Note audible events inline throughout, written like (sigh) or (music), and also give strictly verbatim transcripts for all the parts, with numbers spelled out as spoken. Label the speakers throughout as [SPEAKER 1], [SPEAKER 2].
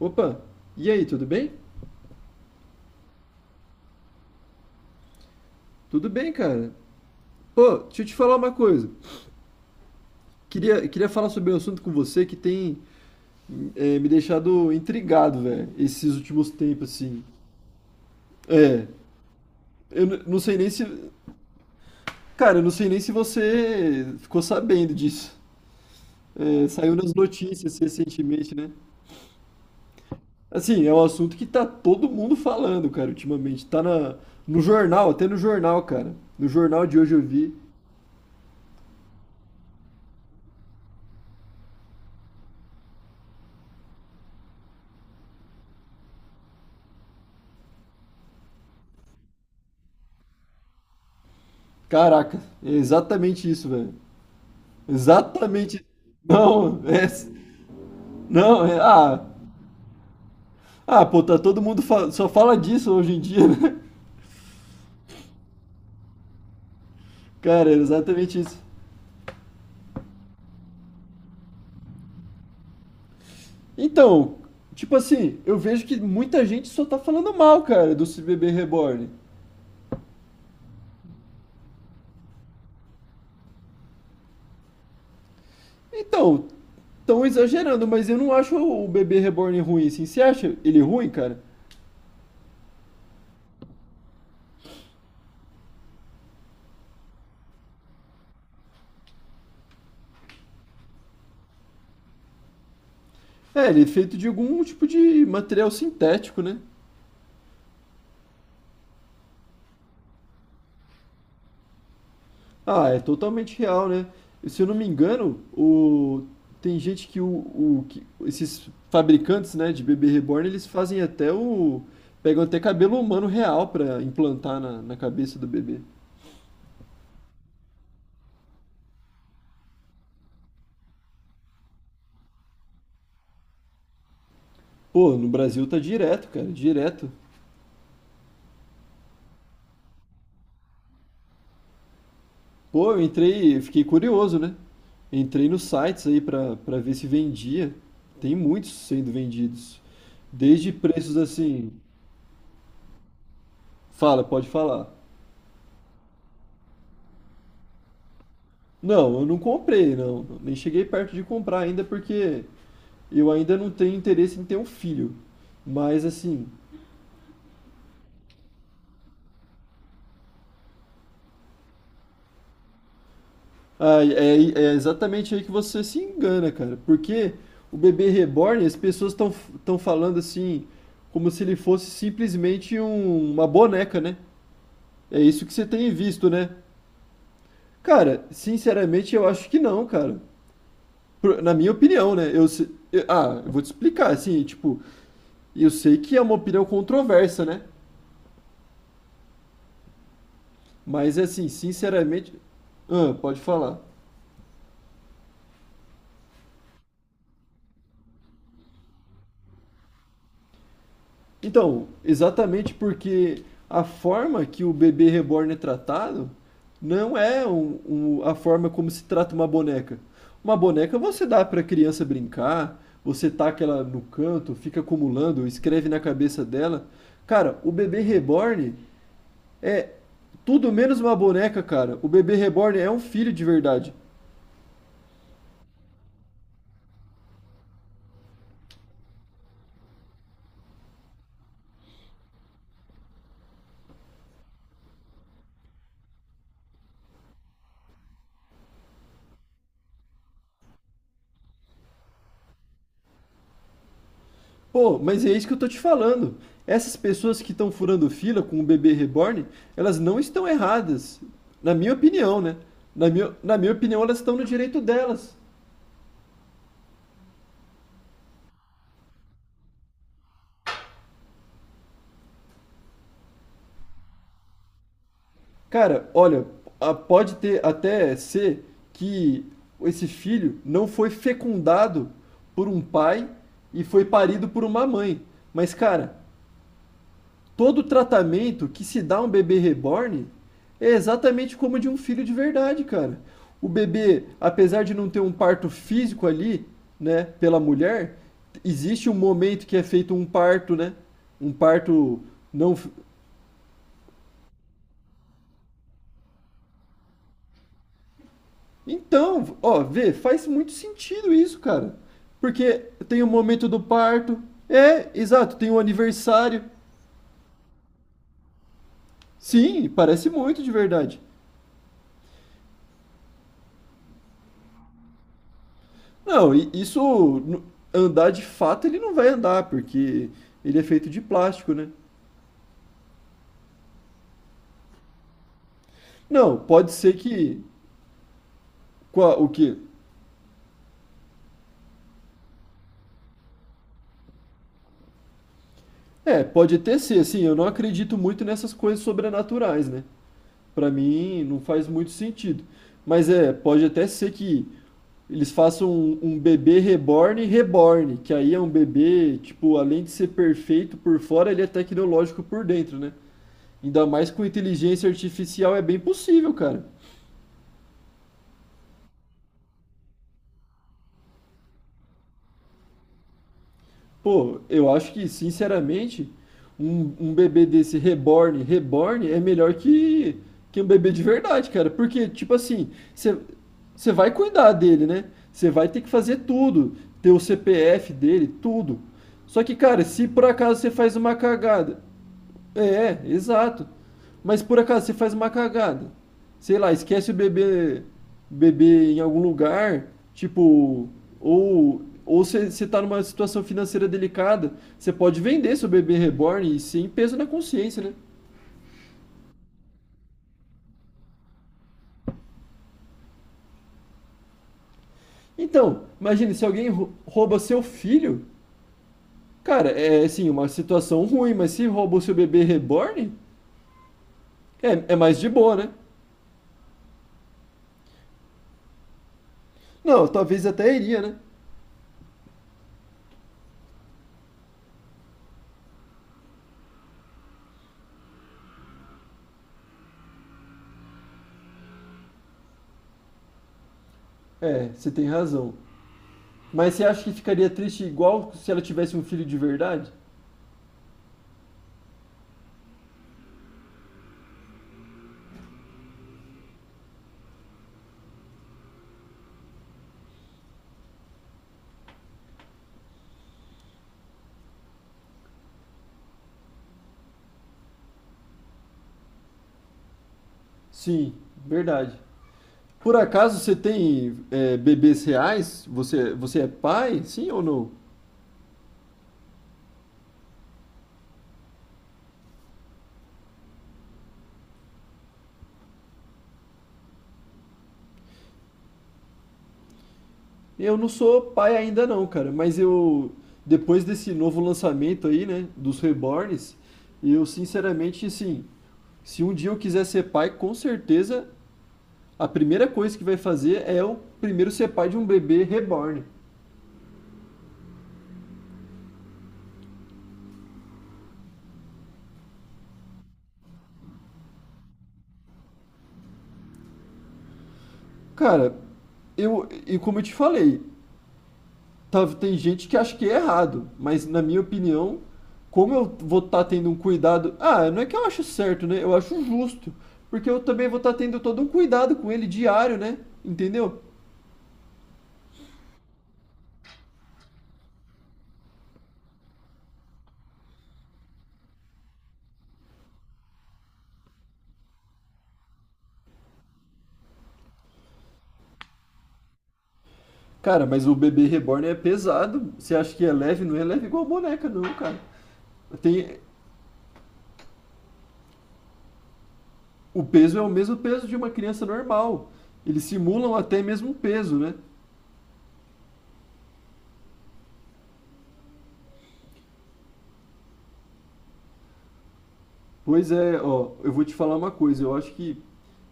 [SPEAKER 1] Opa, e aí, tudo bem? Tudo bem, cara. Pô, deixa eu te falar uma coisa. Queria, queria falar sobre um assunto com você que tem é, me deixado intrigado, velho, esses últimos tempos, assim. É, eu n- não sei nem se. Cara, eu não sei nem se você ficou sabendo disso. É, saiu nas notícias recentemente, né? Assim, é um assunto que tá todo mundo falando, cara, ultimamente. Tá na, no jornal, até no jornal, cara. No jornal de hoje eu vi. Caraca, é exatamente isso, velho. Exatamente. Não, é, não, é, ah, ah, pô, tá todo mundo fa- só fala disso hoje em dia, né? (laughs) Cara, é exatamente isso. Então, tipo assim, eu vejo que muita gente só tá falando mal, cara, do bebê reborn. Então, tão exagerando, mas eu não acho o bebê reborn ruim, assim. Você acha ele ruim, cara? É, ele é feito de algum tipo de material sintético, né? Ah, é totalmente real, né? Se eu não me engano, o... tem gente que, o, o- que- esses fabricantes, né, de bebê reborn, eles fazem até o... pegam até cabelo humano real pra implantar na, na cabeça do bebê. Pô, no Brasil tá direto, cara, direto. Pô, eu entrei, eu fiquei curioso, né? Entrei nos sites aí pra, pra ver se vendia. Tem muitos sendo vendidos. Desde preços assim... Fala, pode falar. Não, eu não comprei, não. Nem cheguei perto de comprar ainda porque eu ainda não tenho interesse em ter um filho. Mas assim, ah, é, é exatamente aí que você se engana, cara. Porque o bebê reborn, as pessoas estão estão falando assim, como se ele fosse simplesmente um- uma boneca, né? É isso que você tem visto, né? Cara, sinceramente eu acho que não, cara. Pro- Na minha opinião, né? Eu, se- eu- ah, eu vou te explicar, assim, tipo, eu sei que é uma opinião controversa, né? Mas assim, sinceramente, ah, pode falar. Então, exatamente porque a forma que o bebê reborn é tratado não é um- um- a forma como se trata uma boneca. Uma boneca você dá para a criança brincar, você taca ela no canto, fica acumulando, escreve na cabeça dela. Cara, o bebê reborn é tudo menos uma boneca, cara. O bebê reborn é um filho de verdade. Pô, mas é isso que eu tô te falando. Essas pessoas que estão furando fila com o bebê reborn, elas não estão erradas. Na minha opinião, né? Na minha, na minha opinião, elas estão no direito delas. Cara, olha, a- pode ter até ser que esse filho não foi fecundado por um pai e foi parido por uma mãe. Mas, cara, todo tratamento que se dá a um bebê reborn é exatamente como de um filho de verdade, cara. O bebê, apesar de não ter um parto físico ali, né, pela mulher, existe um momento que é feito um parto, né? Um parto não. f- Então, ó, vê, faz muito sentido isso, cara. Porque tem o momento do parto. É, exato, tem o aniversário. Sim, parece muito de verdade. Não, e isso n- andar de fato ele não vai andar, porque ele é feito de plástico, né? Não, pode ser que com o que É, pode até ser, assim, eu não acredito muito nessas coisas sobrenaturais, né? Pra mim não faz muito sentido. Mas é, pode até ser que eles façam um, um bebê reborn reborn, que aí é um bebê, tipo, além de ser perfeito por fora, ele é tecnológico por dentro, né? Ainda mais com inteligência artificial é bem possível, cara. Pô, eu acho que, sinceramente, um, um bebê desse reborn, reborn é melhor que, que um bebê de verdade, cara. Porque, tipo assim, você vai cuidar dele, né? Você vai ter que fazer tudo, ter o C P F dele, tudo. Só que, cara, se por acaso você faz uma cagada, é, é, exato. Mas por acaso você faz uma cagada. Sei lá, esquece o bebê, bebê em algum lugar, tipo, ou ou você você tá numa situação financeira delicada, você pode vender seu bebê reborn e sem peso na consciência, né? Então, imagine se alguém rou- rouba seu filho, cara, é é, assim, uma situação ruim, mas se rouba o seu bebê reborn, é, é mais de boa, né? Não, talvez até iria, né? É, você tem razão. Mas você acha que ficaria triste igual se ela tivesse um filho de verdade? Sim, verdade. Por acaso você tem é, bebês reais? Você, você é pai? Sim ou não? Eu não sou pai ainda não, cara, mas eu depois desse novo lançamento aí, né, dos Reborns, eu sinceramente assim, se um dia eu quiser ser pai, com certeza a primeira coisa que vai fazer é eu primeiro ser pai de um bebê reborn. Cara, eu e como eu te falei, tá- tem gente que acha que é errado, mas na minha opinião, como eu vou estar tendo um cuidado. Ah, não é que eu acho certo, né? Eu acho justo. Porque eu também vou estar tendo todo um cuidado com ele diário, né? Entendeu? Cara, mas o bebê reborn é pesado. Você acha que é leve? Não é leve igual a boneca, não, cara. Tem, o peso é o mesmo peso de uma criança normal. Eles simulam até mesmo peso, né? Pois é, ó, eu vou te falar uma coisa. Eu acho que,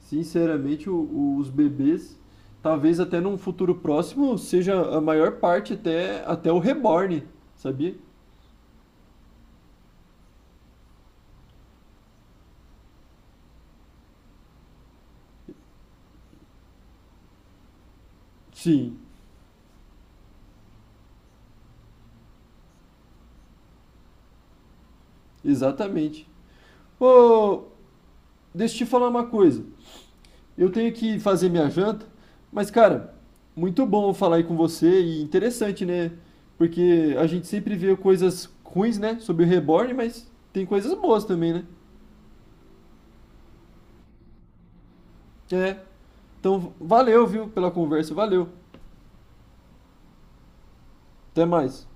[SPEAKER 1] sinceramente, o- o- os bebês, talvez até num futuro próximo, seja a maior parte até, até o reborn, sabia? Sim, exatamente. Ô, deixa eu te falar uma coisa. Eu tenho que fazer minha janta, mas, cara, muito bom falar aí com você e interessante, né? Porque a gente sempre vê coisas ruins, né, sobre o reborn, mas tem coisas boas também, né? É. Então, valeu, viu, pela conversa. Valeu. Até mais.